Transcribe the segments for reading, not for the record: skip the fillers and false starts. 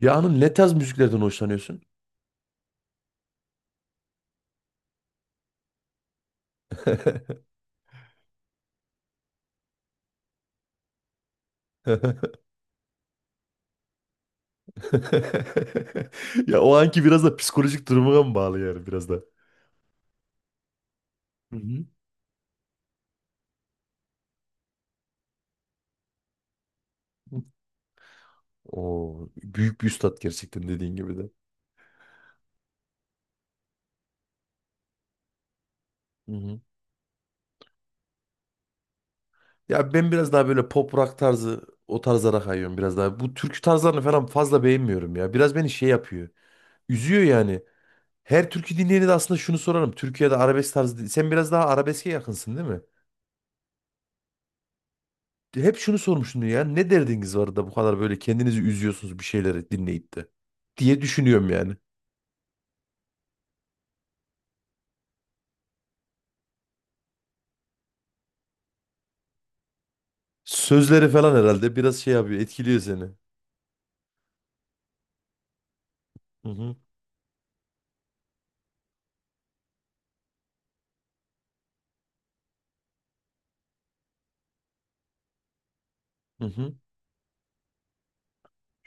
Ya hanım ne tarz müziklerden hoşlanıyorsun? Ya o anki biraz da psikolojik durumuna mı bağlı yani biraz da? Hı hı. Oo, büyük bir üstat gerçekten dediğin gibi de. Hı hı. Ya ben biraz daha böyle pop rock tarzı o tarzlara kayıyorum biraz daha. Bu türkü tarzlarını falan fazla beğenmiyorum ya. Biraz beni şey yapıyor. Üzüyor yani. Her türkü dinleyeni de aslında şunu sorarım. Türkiye'de arabesk tarzı. Sen biraz daha arabeske yakınsın değil mi? Hep şunu sormuştum ya. Ne derdiniz var da bu kadar böyle kendinizi üzüyorsunuz bir şeyleri dinleyip de diye düşünüyorum yani. Sözleri falan herhalde biraz şey yapıyor, etkiliyor seni. Hı hı. Hı hı.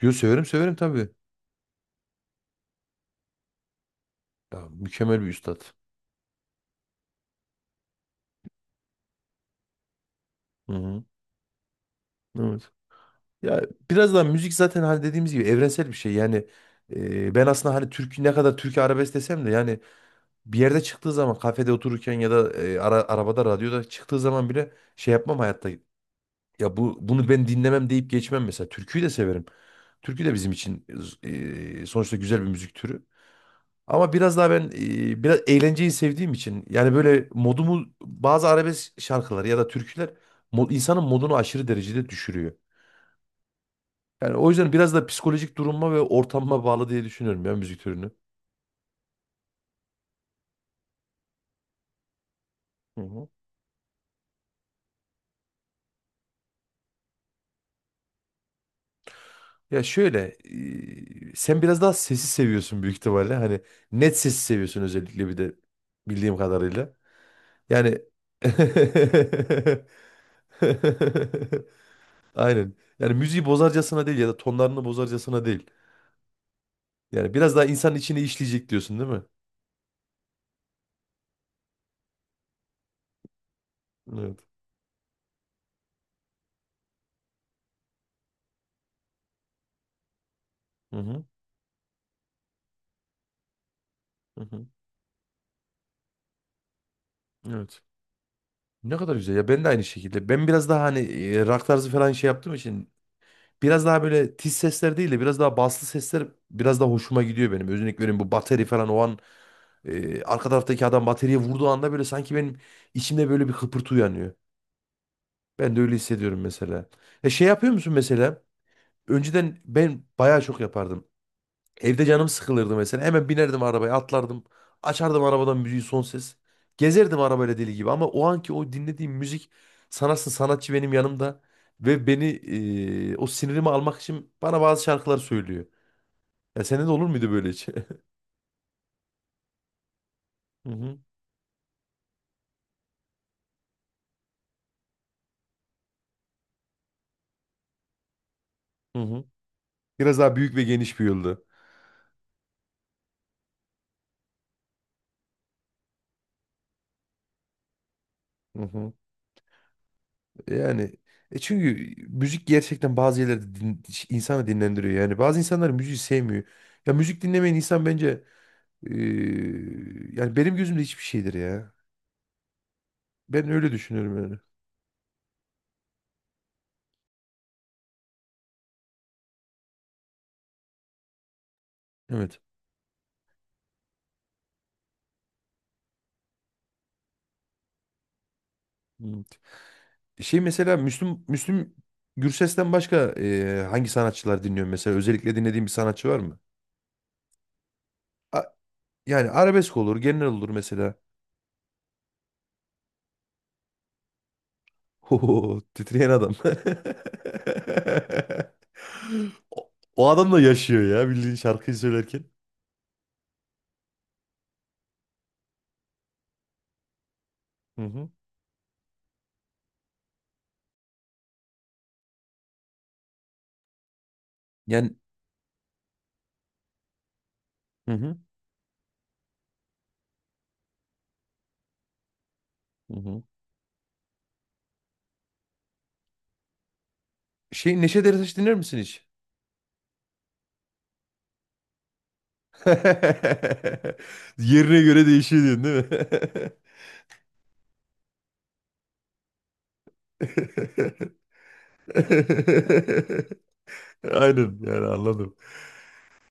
Yo, severim severim tabii. Ya, mükemmel bir üstad. Hı hı. Evet. Ya biraz daha müzik zaten hani dediğimiz gibi evrensel bir şey. Yani, ben aslında hani Türk ne kadar Türkiye arabesk desem de yani bir yerde çıktığı zaman kafede otururken ya da arabada radyoda çıktığı zaman bile şey yapmam hayatta. Ya, bunu ben dinlemem deyip geçmem mesela. Türküyü de severim. Türkü de bizim için sonuçta güzel bir müzik türü. Ama biraz daha ben biraz eğlenceyi sevdiğim için yani böyle modumu bazı arabesk şarkılar ya da türküler insanın modunu aşırı derecede düşürüyor. Yani o yüzden biraz da psikolojik duruma ve ortamıma bağlı diye düşünüyorum ya müzik türünü. Hı hı. Ya şöyle, sen biraz daha sesi seviyorsun büyük ihtimalle. Hani net sesi seviyorsun özellikle bir de bildiğim kadarıyla. Yani aynen. Yani müziği bozarcasına değil ya da tonlarını bozarcasına değil. Yani biraz daha insanın içine işleyecek diyorsun değil mi? Evet. Hı hı. Hı hı. Evet. Ne kadar güzel ya, ben de aynı şekilde. Ben biraz daha hani rock tarzı falan şey yaptığım için biraz daha böyle tiz sesler değil de biraz daha baslı sesler biraz daha hoşuma gidiyor benim. Özellikle benim bu bateri falan o an arka taraftaki adam bateriye vurduğu anda böyle sanki benim içimde böyle bir kıpırtı uyanıyor. Ben de öyle hissediyorum mesela. E şey yapıyor musun mesela? Önceden ben bayağı çok yapardım. Evde canım sıkılırdı mesela. Hemen binerdim arabaya, atlardım. Açardım arabadan müziği son ses. Gezerdim arabayla deli gibi, ama o anki o dinlediğim müzik sanatçı sanatçı benim yanımda ve beni, o sinirimi almak için bana bazı şarkılar söylüyor. Ya sende de olur muydu böyle hiç? Hı hı. Hı hı. Biraz daha büyük ve geniş bir yolda. Yani çünkü müzik gerçekten bazı yerlerde insanı dinlendiriyor. Yani bazı insanlar müziği sevmiyor. Ya müzik dinlemeyen insan bence yani benim gözümde hiçbir şeydir ya. Ben öyle düşünüyorum yani. Evet. Evet. Şey mesela Müslüm Gürses'ten başka hangi sanatçılar dinliyor mesela? Özellikle dinlediğin bir sanatçı var mı? A- yani arabesk olur, genel olur mesela. Ho, titreyen adam. O o adam da yaşıyor ya bildiğin şarkıyı söylerken. Hı hı. Yani. Hı hı. Hı hı. Neşet Ertaş dinler misin hiç? Yerine göre değişiyor diyorsun değil mi? Aynen, yani anladım.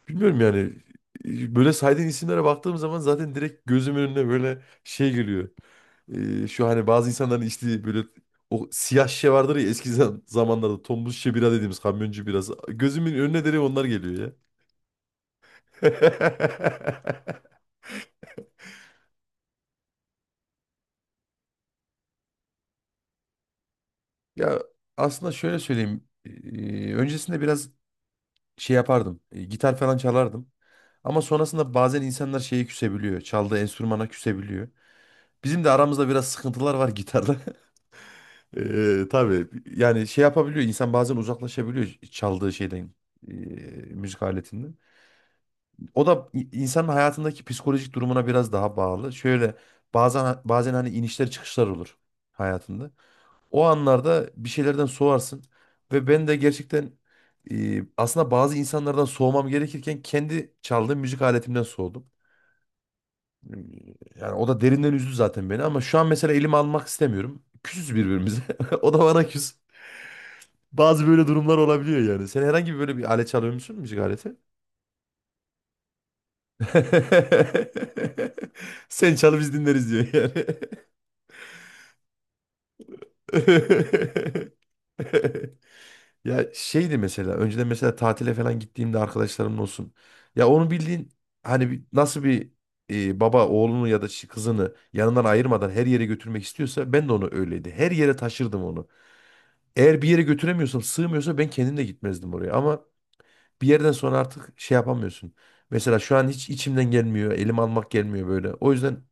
Bilmiyorum yani, böyle saydığın isimlere baktığım zaman zaten direkt gözümün önüne böyle şey geliyor. Şu hani bazı insanların içtiği böyle o siyah şişe vardır ya, eski zamanlarda tombul şişe bira dediğimiz kamyoncu birası. Gözümün önüne direkt onlar geliyor ya. Ya aslında şöyle söyleyeyim. Öncesinde biraz şey yapardım. Gitar falan çalardım. Ama sonrasında bazen insanlar şeye küsebiliyor. Çaldığı enstrümana küsebiliyor. Bizim de aramızda biraz sıkıntılar var gitarda. Tabii, yani şey yapabiliyor. İnsan bazen uzaklaşabiliyor çaldığı şeyden. eee, Müzik aletinden. O da insanın hayatındaki psikolojik durumuna biraz daha bağlı. Şöyle, bazen bazen hani inişler çıkışlar olur hayatında. O anlarda bir şeylerden soğarsın. Ve ben de gerçekten, aslında bazı insanlardan soğumam gerekirken kendi çaldığım müzik aletimden soğudum. Yani o da derinden üzdü zaten beni, ama şu an mesela elimi almak istemiyorum. Küsüz birbirimize. O da bana küs. Bazı böyle durumlar olabiliyor yani. Sen herhangi bir böyle bir alet çalıyor musun? Müzik aleti? Sen çal biz dinleriz diyor yani. Ya şeydi mesela, önceden mesela tatile falan gittiğimde arkadaşlarımın olsun. Ya onu bildiğin hani nasıl bir baba oğlunu ya da kızını yanından ayırmadan her yere götürmek istiyorsa, ben de onu öyleydi. Her yere taşırdım onu. Eğer bir yere götüremiyorsam, sığmıyorsa ben kendim de gitmezdim oraya. Ama bir yerden sonra artık şey yapamıyorsun. Mesela şu an hiç içimden gelmiyor. Elim almak gelmiyor böyle. O yüzden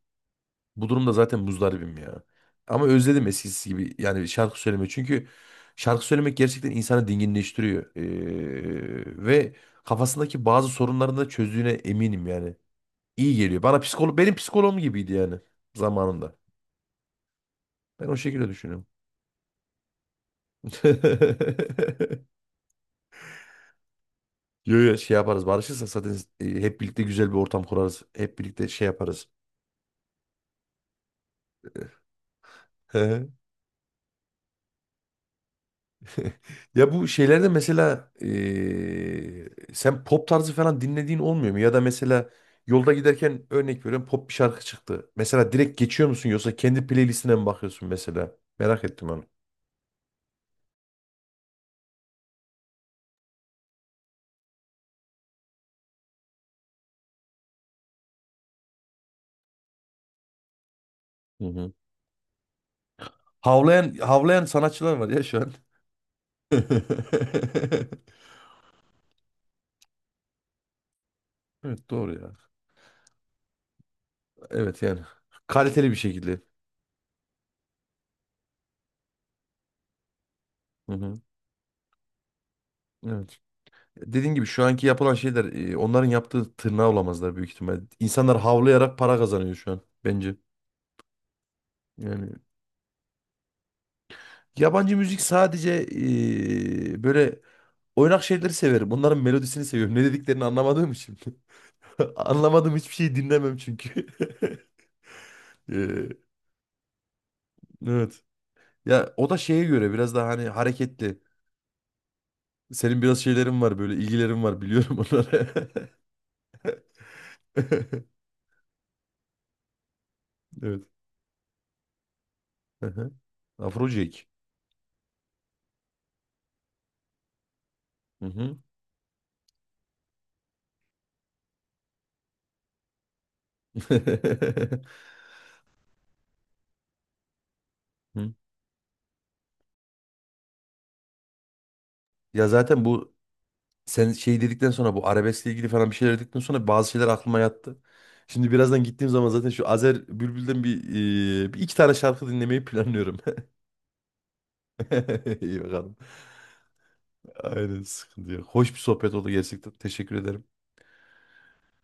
bu durumda zaten muzdaribim ya. Ama özledim eskisi gibi yani şarkı söylemeyi. Çünkü şarkı söylemek gerçekten insanı dinginleştiriyor. Ve kafasındaki bazı sorunlarını da çözdüğüne eminim yani. İyi geliyor. Bana benim psikoloğum gibiydi yani zamanında. Ben o şekilde düşünüyorum. Yo yo, şey yaparız. Barışırsak zaten, hep birlikte güzel bir ortam kurarız. Hep birlikte şey yaparız. Ya bu şeylerde mesela, sen pop tarzı falan dinlediğin olmuyor mu? Ya da mesela yolda giderken, örnek veriyorum, pop bir şarkı çıktı. Mesela direkt geçiyor musun, yoksa kendi playlistine mi bakıyorsun mesela? Merak ettim onu. Hı hı. Havlayan havlayan sanatçılar var ya şu an. Evet, doğru ya. Evet, yani kaliteli bir şekilde. Hı hı. Evet. Dediğim gibi şu anki yapılan şeyler, onların yaptığı tırnağa olamazlar büyük ihtimal. İnsanlar havlayarak para kazanıyor şu an bence. Yani. Yabancı müzik sadece, böyle oynak şeyleri severim. Onların melodisini seviyorum. Ne dediklerini anlamadığım için. Anlamadığım hiçbir şeyi dinlemem çünkü. Eee, evet. Ya o da şeye göre biraz daha hani hareketli. Senin biraz şeylerin var, böyle ilgilerin var, biliyorum onları. Evet. Hı hı. Afrojack. Hı hı. Hı. Ya zaten sen şey dedikten sonra, bu arabeskle ilgili falan bir şeyler dedikten sonra bazı şeyler aklıma yattı. Şimdi birazdan gittiğim zaman zaten şu Azer Bülbül'den bir iki tane şarkı dinlemeyi planlıyorum. İyi bakalım. Aynen, sıkıntı yok. Hoş bir sohbet oldu gerçekten. Teşekkür ederim.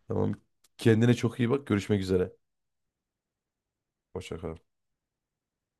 Tamam. Kendine çok iyi bak. Görüşmek üzere. Hoşça kal.